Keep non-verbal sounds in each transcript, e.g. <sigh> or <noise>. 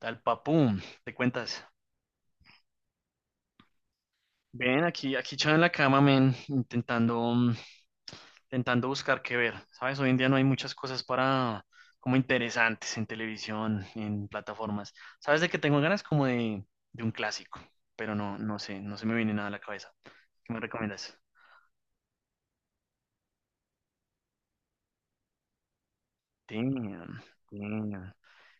Tal papum, te cuentas. Ven, aquí echado en la cama, men, intentando buscar qué ver. Sabes, hoy en día no hay muchas cosas para, como interesantes en televisión, en plataformas. Sabes de que tengo ganas de un clásico, pero no sé, no se me viene nada a la cabeza. ¿Qué me recomiendas? Damn, damn.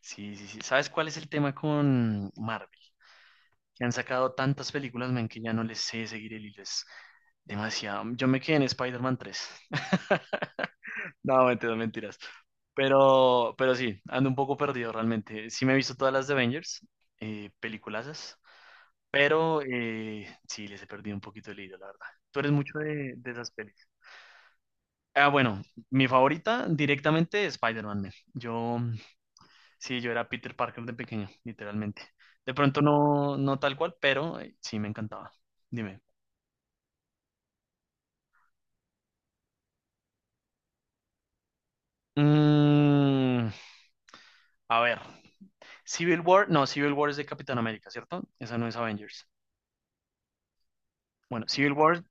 Sí, sí, sí. ¿Sabes cuál es el tema con Marvel? Que han sacado tantas películas, men, que ya no les sé seguir el hilo. Es demasiado. Yo me quedé en Spider-Man 3. <laughs> No, mentiras, mentiras. Pero sí, ando un poco perdido realmente. Sí me he visto todas las de Avengers, peliculazas, pero sí les he perdido un poquito el hilo, la verdad. Tú eres mucho de esas pelis. Ah, bueno, mi favorita directamente es Spider-Man. Man. Yo, sí, yo era Peter Parker de pequeño, literalmente. De pronto no, no tal cual, pero sí me encantaba. Dime. Mm, a ver, Civil War, no, Civil War es de Capitán América, ¿cierto? Esa no es Avengers. Bueno,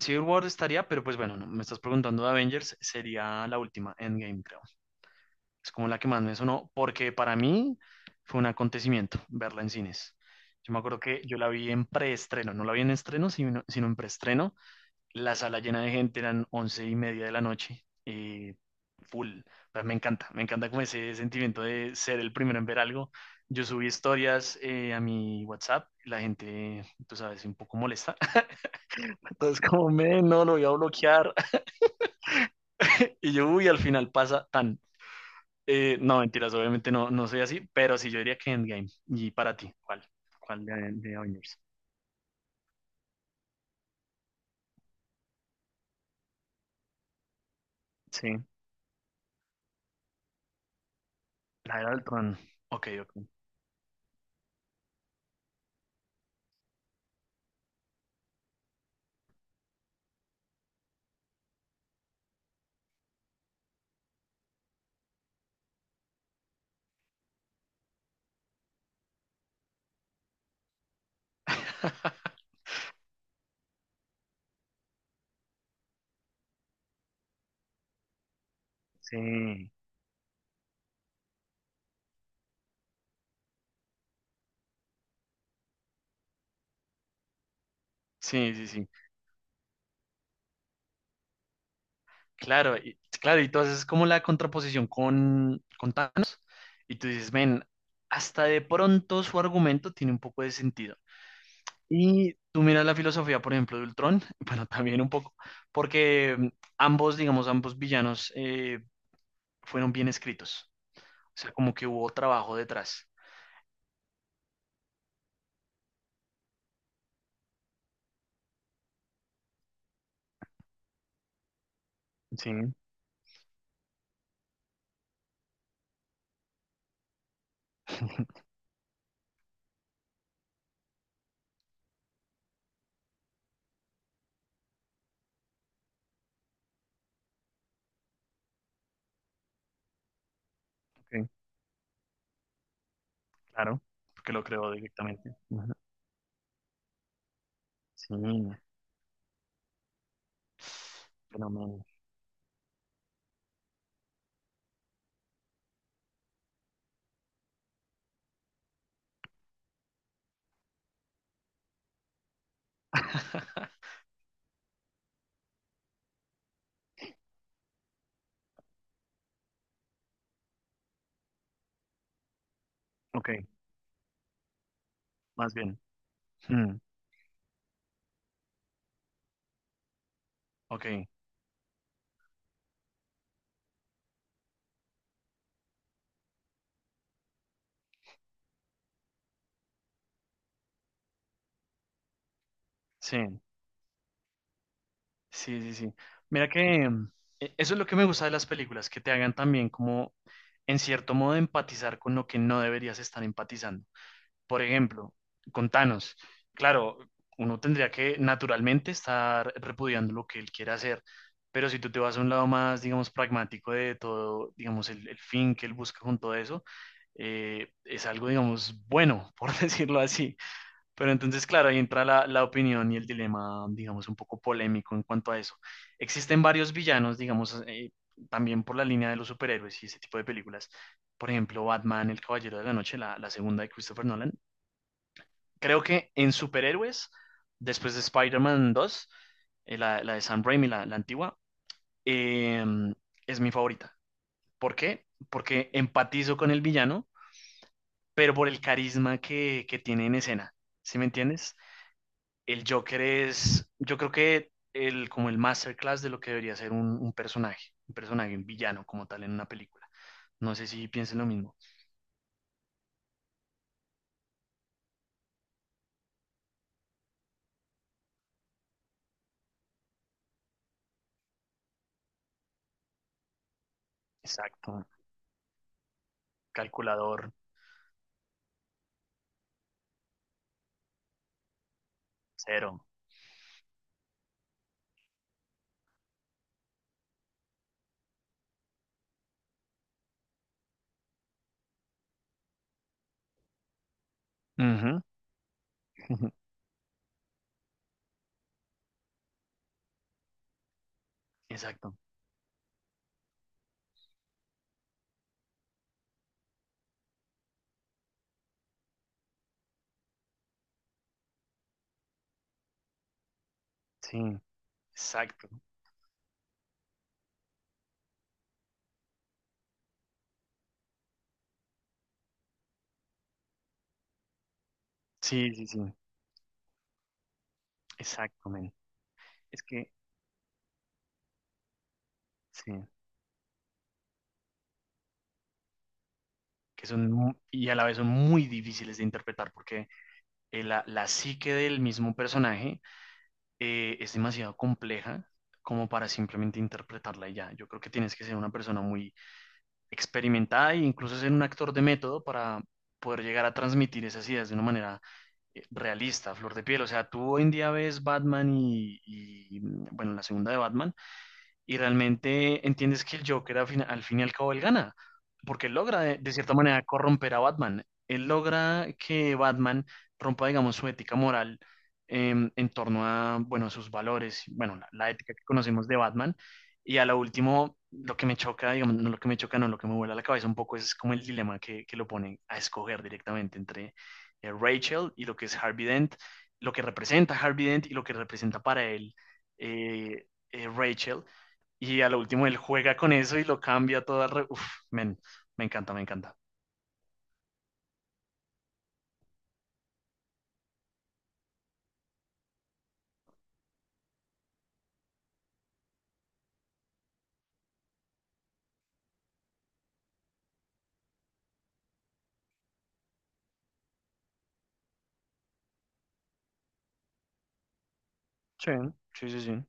Civil War estaría, pero pues bueno, no, me estás preguntando de Avengers, sería la última, Endgame, creo. Es como la que más me sonó, porque para mí fue un acontecimiento verla en cines. Yo me acuerdo que yo la vi en preestreno, no la vi en estreno, sino en preestreno. La sala llena de gente, eran once y media de la noche, y full. Pero me encanta como ese sentimiento de ser el primero en ver algo. Yo subí historias a mi WhatsApp, la gente, tú sabes, un poco molesta. <laughs> Entonces, como, me, no, lo voy a bloquear. Y yo, uy, al final pasa tan. No, mentiras, obviamente no, no soy así, pero sí yo diría que Endgame. Y para ti, ¿cuál? ¿Cuál de Avengers? Sí, la era del Tron. Ok, ok. <laughs> Sí, sí, sí, sí. Claro, y, claro, y tú haces como la contraposición con Thanos, y tú dices, ven, hasta de pronto su argumento tiene un poco de sentido. Y tú miras la filosofía, por ejemplo, de Ultron, <laughs> bueno, también un poco, porque ambos, digamos, ambos villanos fueron bien escritos. O sea, como que hubo trabajo detrás. Sí, ok, claro, porque lo creó directamente. Ujú, sí, fenómeno. <laughs> Ok, más bien. Mm, ok, sí, sí, sí, sí. Mira que eso es lo que me gusta de las películas, que te hagan también como, en cierto modo, empatizar con lo que no deberías estar empatizando. Por ejemplo, contanos, claro, uno tendría que naturalmente estar repudiando lo que él quiere hacer, pero si tú te vas a un lado más, digamos, pragmático de todo, digamos, el fin que él busca con todo eso, es algo, digamos, bueno, por <laughs> decirlo así. Pero entonces, claro, ahí entra la opinión y el dilema, digamos, un poco polémico en cuanto a eso. Existen varios villanos, digamos, también por la línea de los superhéroes y ese tipo de películas. Por ejemplo, Batman, El Caballero de la Noche, la segunda de Christopher Nolan creo que en superhéroes, después de Spider-Man 2, la de Sam Raimi, la antigua, eh, es mi favorita. ¿Por qué? Porque empatizo con el villano, pero por el carisma que tiene en escena. ¿Sí me entiendes? El Joker es, yo creo que el, como el masterclass de lo que debería ser un personaje, un villano como tal en una película. No sé si piensen lo mismo. Exacto. Calculador, cero. Ujú, <laughs> ujú. Exacto. Sí, exacto. Sí, sí, sí, exacto, men. Es que, sí, que son, y a la vez son muy difíciles de interpretar porque la psique del mismo personaje es demasiado compleja como para simplemente interpretarla y ya. Yo creo que tienes que ser una persona muy experimentada e incluso ser un actor de método para poder llegar a transmitir esas ideas de una manera realista, a flor de piel. O sea, tú hoy en día ves Batman bueno, la segunda de Batman y realmente entiendes que el Joker al fin y al cabo él gana, porque él logra de cierta manera corromper a Batman. Él logra que Batman rompa, digamos, su ética moral en torno a, bueno, a sus valores, bueno, la ética que conocemos de Batman. Y a lo último, lo que me choca, digamos, no lo que me choca, no, lo que me vuela la cabeza un poco es como el dilema que lo ponen a escoger directamente entre Rachel y lo que es Harvey Dent, lo que representa Harvey Dent y lo que representa para él eh, Rachel, y a lo último él juega con eso y lo cambia todo al Uf, men, me encanta, me encanta. Sí. Sí, sí, sí.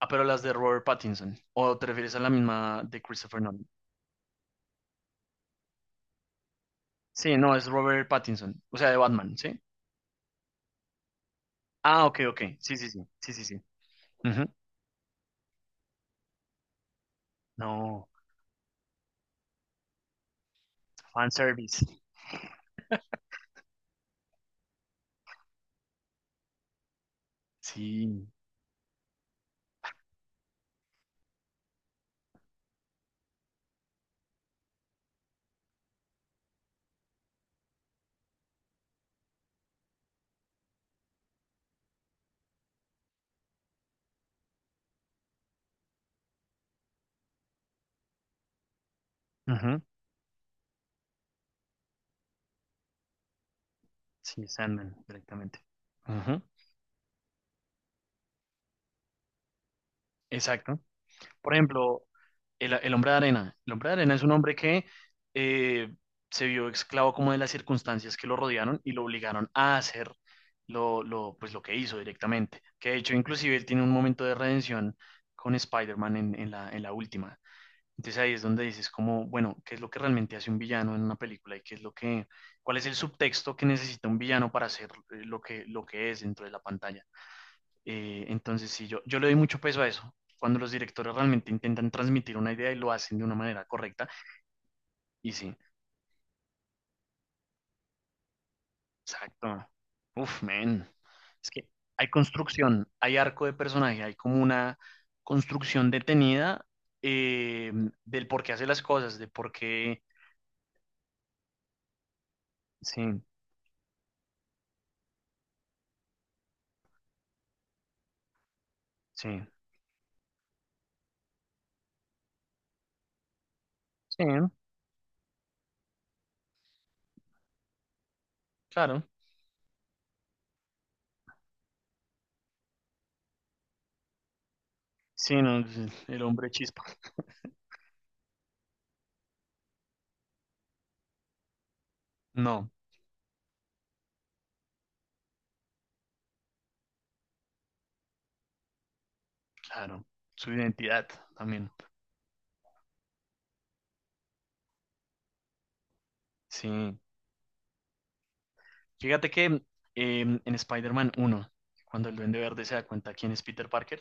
Ah, pero las de Robert Pattinson. ¿O te refieres a la misma de Christopher Nolan? Sí, no, es Robert Pattinson. O sea, de Batman, ¿sí? Ah, ok, ok. Sí, sí, sí. Sí, sí, sí. Ujú. No, fanservice. Sí. Ujú. Sí, Sandman, directamente. Ujú. Exacto. Por ejemplo, el hombre de arena. El hombre de arena es un hombre que eh, se vio esclavo como de las circunstancias que lo rodearon y lo obligaron a hacer pues, lo que hizo directamente. Que de hecho, inclusive, él tiene un momento de redención con Spider-Man en en la última. Entonces ahí es donde dices como, bueno, ¿qué es lo que realmente hace un villano en una película y qué es lo que, cuál es el subtexto que necesita un villano para hacer lo que es dentro de la pantalla? Entonces, sí, yo le doy mucho peso a eso. Cuando los directores realmente intentan transmitir una idea y lo hacen de una manera correcta, y sí, exacto. Uf, man. Es que hay construcción, hay arco de personaje, hay como una construcción detenida eh, del por qué hace las cosas, de por qué. Sí, sí, sí, claro. Sí, no, el hombre chispa. No, claro. Su identidad también. Sí. Fíjate que en Spider-Man 1, cuando el Duende Verde se da cuenta quién es Peter Parker,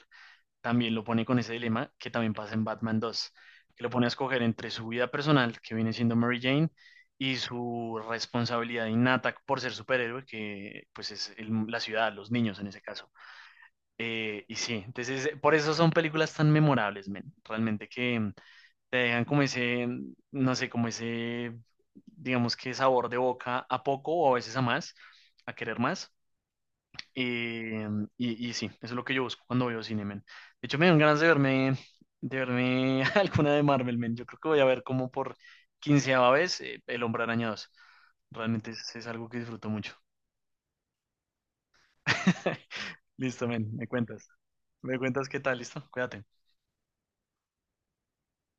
también lo pone con ese dilema que también pasa en Batman 2, que lo pone a escoger entre su vida personal, que viene siendo Mary Jane, y su responsabilidad innata por ser superhéroe, que pues es la ciudad, los niños en ese caso. Y sí, entonces, por eso son películas tan memorables, men. Realmente que te dejan como ese, no sé, como ese, digamos que sabor de boca a poco o a veces a más, a querer más. Eh, y, y sí, eso es lo que yo busco cuando veo cine, men. De hecho, me dan ganas de verme <laughs> alguna de Marvel, men. Yo creo que voy a ver como por quinceava vez El Hombre Araña 2. Realmente es algo que disfruto mucho. <laughs> Listo, men, me cuentas. Me cuentas qué tal, listo. Cuídate.